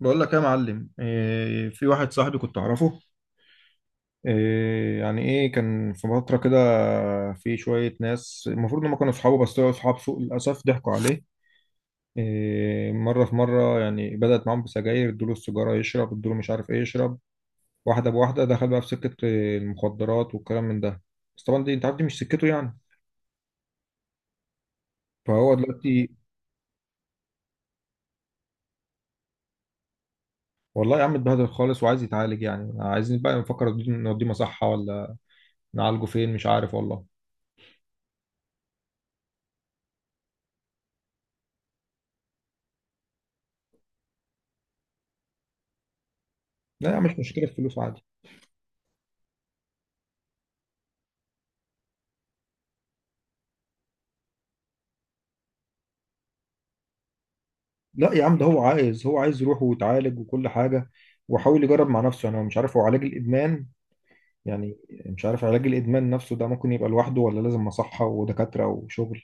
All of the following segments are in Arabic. بقول لك إيه يا معلم؟ إيه، في واحد صاحبي كنت اعرفه. إيه يعني، ايه كان في فتره كده. في شويه ناس المفروض ان هم كانوا اصحابه بس طلعوا اصحاب سوء، للاسف ضحكوا عليه. إيه، مره في مره يعني بدأت معاهم بسجاير، ادوا له السيجاره يشرب، ادوا له مش عارف ايه يشرب. واحده بواحده دخل بقى في سكه إيه، المخدرات والكلام من ده. بس طبعا دي انت عارف دي مش سكته يعني. فهو دلوقتي والله يا عم اتبهدل خالص، وعايز يتعالج. يعني عايزين بقى نفكر نوديه، نوديه مصحه ولا نعالجه فين، مش عارف والله. لا يا عم مش مشكله الفلوس، عادي. لا يا عم ده هو عايز، هو عايز يروح ويتعالج وكل حاجة. وحاول يجرب مع نفسه. يعني هو مش عارف، هو علاج الإدمان يعني مش عارف علاج الإدمان نفسه ده ممكن يبقى لوحده ولا لازم مصحة ودكاترة وشغل.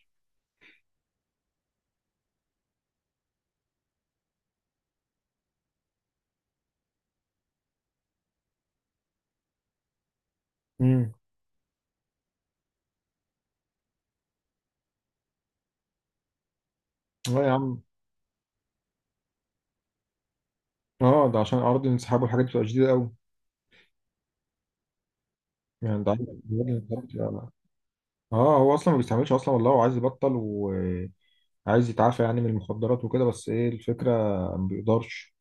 امم لا يا عم. اه، ده عشان أعراض الانسحاب والحاجات دي بتبقى شديدة قوي. يعني ده عندك أعراض الانسحاب اه. هو أصلا ما بيستعملش أصلا، والله هو عايز يبطل وعايز يتعافى يعني من المخدرات وكده، بس إيه الفكرة؟ ما بيقدرش.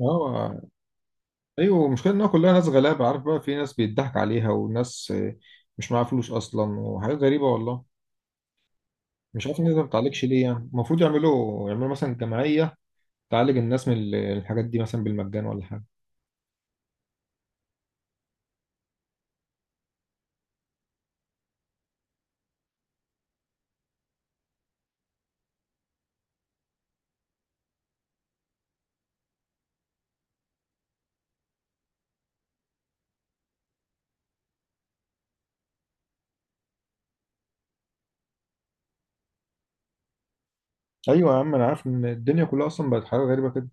اه، ايوه، المشكله انها كلها ناس غلابه. عارف بقى، في ناس بيضحك عليها وناس مش معاها فلوس اصلا، وحاجات غريبه والله. مش عارف الناس ما بتعالجش ليه؟ يعني المفروض يعملوا، يعملوا مثلا جمعيه تعالج الناس من الحاجات دي مثلا بالمجان ولا حاجه. ايوه يا عم، انا عارف ان الدنيا كلها اصلا بقت حاجه غريبه كده،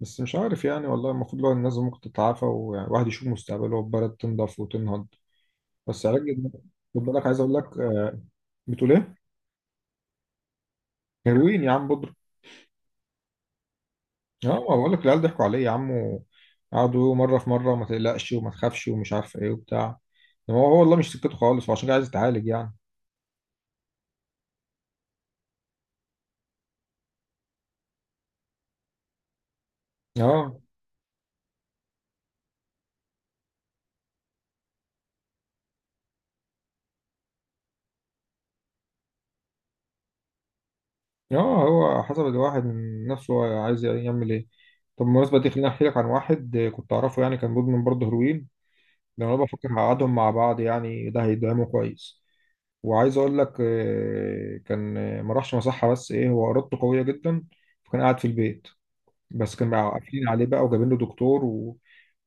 بس مش عارف يعني والله. المفروض لو الناس ممكن تتعافى وواحد يشوف مستقبله والبلد تنضف وتنهض. بس علاج خد بالك، عايز اقول لك بتقول ايه؟ هيروين يا عم، بودرة. اه، ما بقول لك العيال ضحكوا عليه يا عم. قعدوا يقولوا مرة في مرة، وما تقلقش وما تخافش ومش عارف ايه وبتاع. إنما هو والله مش سكته خالص، وعشان كده عايز يتعالج يعني. اه اه. هو حسب الواحد من نفسه، هو عايز يعمل ايه. طب بالمناسبة دي خليني احكي لك عن واحد كنت اعرفه، يعني كان مدمن برضه هيروين. ده انا بفكر هقعدهم مع بعض، يعني ده هيدعمه كويس. وعايز اقول لك كان ما راحش مصحة، بس ايه، هو ارادته قوية جدا. فكان قاعد في البيت، بس كانوا قافلين عليه بقى وجايبين له دكتور و...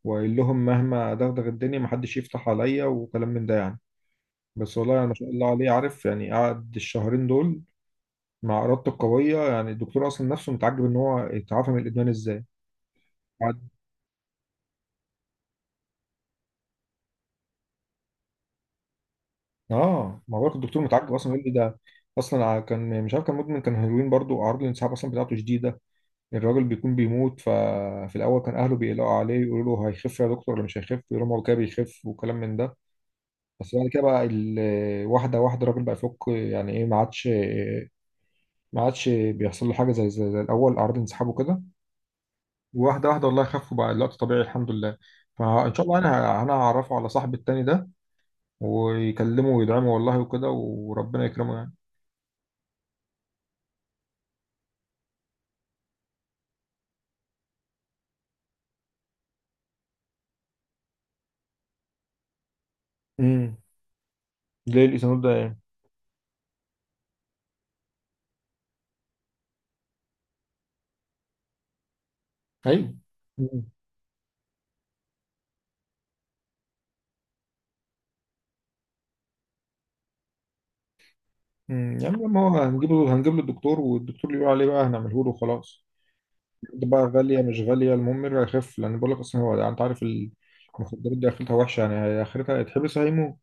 وقال لهم مهما دغدغ الدنيا محدش يفتح عليا وكلام من ده يعني. بس والله يعني ما شاء الله عليه، عارف يعني قعد الشهرين دول مع إرادته القوية. يعني الدكتور أصلا نفسه متعجب إن هو اتعافى من الإدمان إزاي. قعد. آه، ما هو الدكتور متعجب أصلا، يقول لي ده أصلا كان مش عارف، كان مدمن، كان هيروين برضه، أعراض الانسحاب أصلا بتاعته شديدة. الراجل بيكون بيموت. ففي الأول كان أهله بيقلقوا عليه، يقولوا له هيخف يا دكتور ولا مش هيخف، يقولوا له هو كده بيخف وكلام من ده. بس بعد كده بقى واحدة واحدة الراجل بقى يفك، يعني ايه، ما عادش بيحصل له حاجة زي الأول، أعراض انسحاب وكده. واحدة واحدة والله خف، وبقى الوقت طبيعي الحمد لله. فإن شاء الله أنا هعرفه على صاحب التاني ده، ويكلمه ويدعمه والله وكده، وربنا يكرمه يعني. امم ليه الاسانود ده يعني؟ أيوه. مم. مم. يعني لما هو هنجيب له، هنجيب له الدكتور، والدكتور اللي يقول عليه بقى هنعمله له خلاص. دي بقى غالية مش غالية، المهم يرجع يخف، لأن بقول لك أصلا هو يعني أنت عارف المخدرات دي آخرتها وحشة يعني، هي آخرتها هيتحبس هيموت.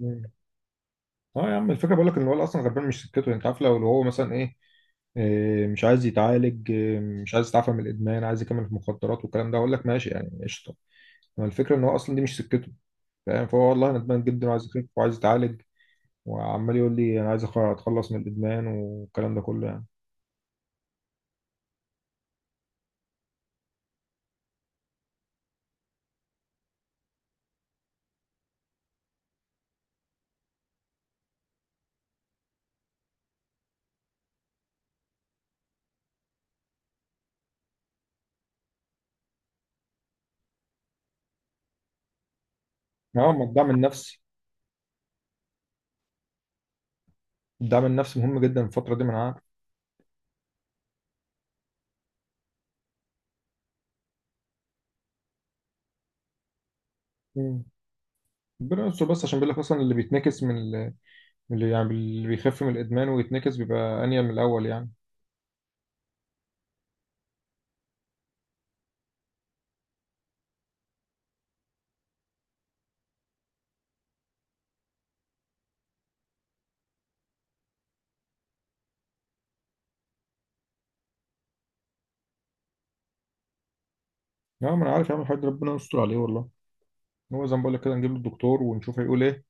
مم. أه يا عم، الفكرة بقول لك إن الولد أصلا غلبان، مش سكته يعني. أنت عارف، لو هو مثلا إيه، مش عايز يتعالج، مش عايز يتعافى من الإدمان، عايز يكمل في المخدرات والكلام ده، أقول لك ماشي يعني، قشطة. ما الفكرة إن هو أصلا دي مش سكته، فاهم. فهو والله ندمان جدا، وعايز يخف وعايز يتعالج، وعمال يقول لي أنا عايز أتخلص من الإدمان والكلام ده كله يعني. أه، ما الدعم النفسي، الدعم النفسي مهم جدا في الفترة دي، من عارف. ربنا يستر بس، عشان بيقول لك اصلا اللي بيتنكس من من اللي يعني اللي بيخف من الادمان ويتنكس بيبقى انيل من الاول يعني. لا، ما انا عارف يا عم الحاج، ربنا يستر عليه والله. هو زي ما بقول لك كده، نجيب له الدكتور ونشوف هيقول ايه،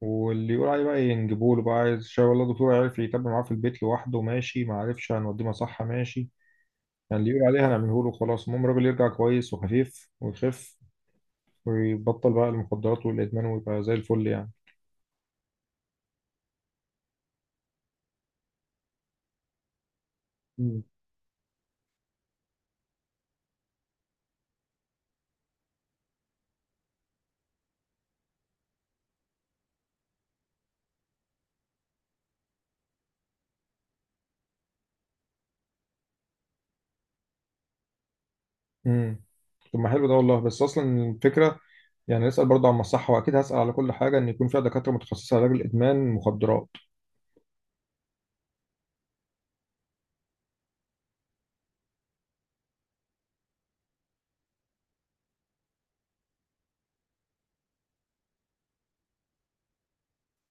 واللي يقول عليه بقى ينجبوا له بقى، عايز شاي والله، الدكتور عارف يتابع معاه في البيت لوحده ماشي، ما عرفش، هنوديه مصحة ماشي. يعني اللي يقول عليه هنعمله له خلاص، المهم الراجل يرجع كويس وخفيف ويخف ويبطل بقى المخدرات والادمان، ويبقى زي الفل يعني. مم. امم طب، ما حلو ده والله، بس اصلا الفكره يعني نسأل برضه عن الصحة، وأكيد هسأل على كل حاجة إن يكون فيها دكاترة متخصصة علاج الإدمان مخدرات.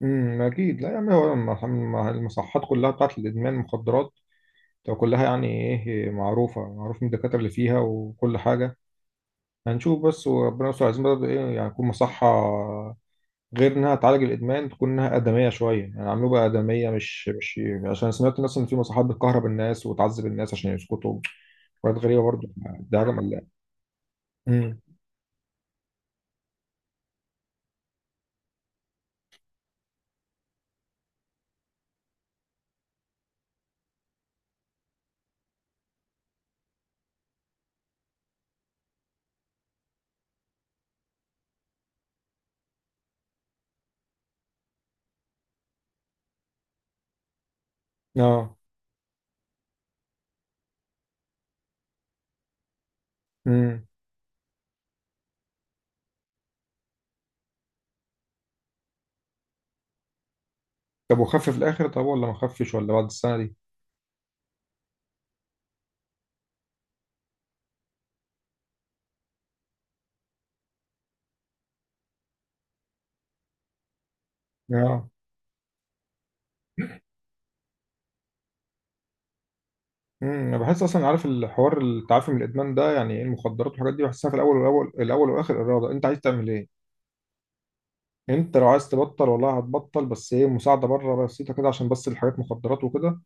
أكيد. لا، يعني هو المصحات كلها بتاعت الإدمان مخدرات تبقى كلها يعني إيه، معروفة، معروف مين الدكاترة اللي فيها وكل حاجة. هنشوف بس، وربنا يستر. عايزين برضه إيه يعني، تكون مصحة غير إنها تعالج الإدمان تكون إنها آدمية شوية يعني، عملوها بقى آدمية، مش عشان سمعت الناس إن في مصحات بتكهرب الناس وتعذب الناس عشان يسكتوا، حاجات غريبة برضه. ده حاجة مقلقة. امم آه. امم طب وخف في الاخر؟ طب ولا ما خفش ولا بعد السنه دي؟ اه. انا بحس اصلا، عارف الحوار، التعافي من الادمان ده يعني ايه، المخدرات والحاجات دي بحسها في الاول والاول، الاول والاخر اراده، انت عايز تعمل ايه. انت لو عايز تبطل والله هتبطل، بس ايه، مساعده بره بسيطه كده عشان بس الحاجات مخدرات وكده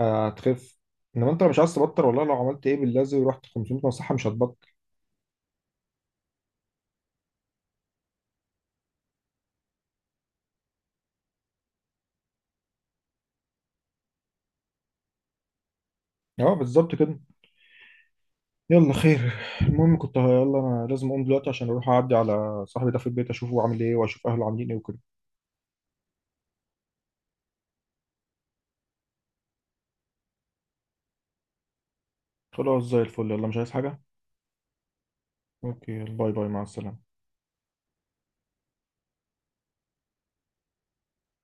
هتخف. انما انت لو مش عايز تبطل والله لو عملت ايه باللازم ورحت 500 مصحه مش هتبطل. اه، بالظبط كده. يلا خير، المهم كنت يلا انا لازم اقوم دلوقتي عشان اروح اعدي على صاحبي ده في البيت اشوفه عامل ايه واشوف اهله عاملين ايه وكده. خلاص زي الفل، يلا مش عايز حاجه. اوكي، باي باي، مع السلامة.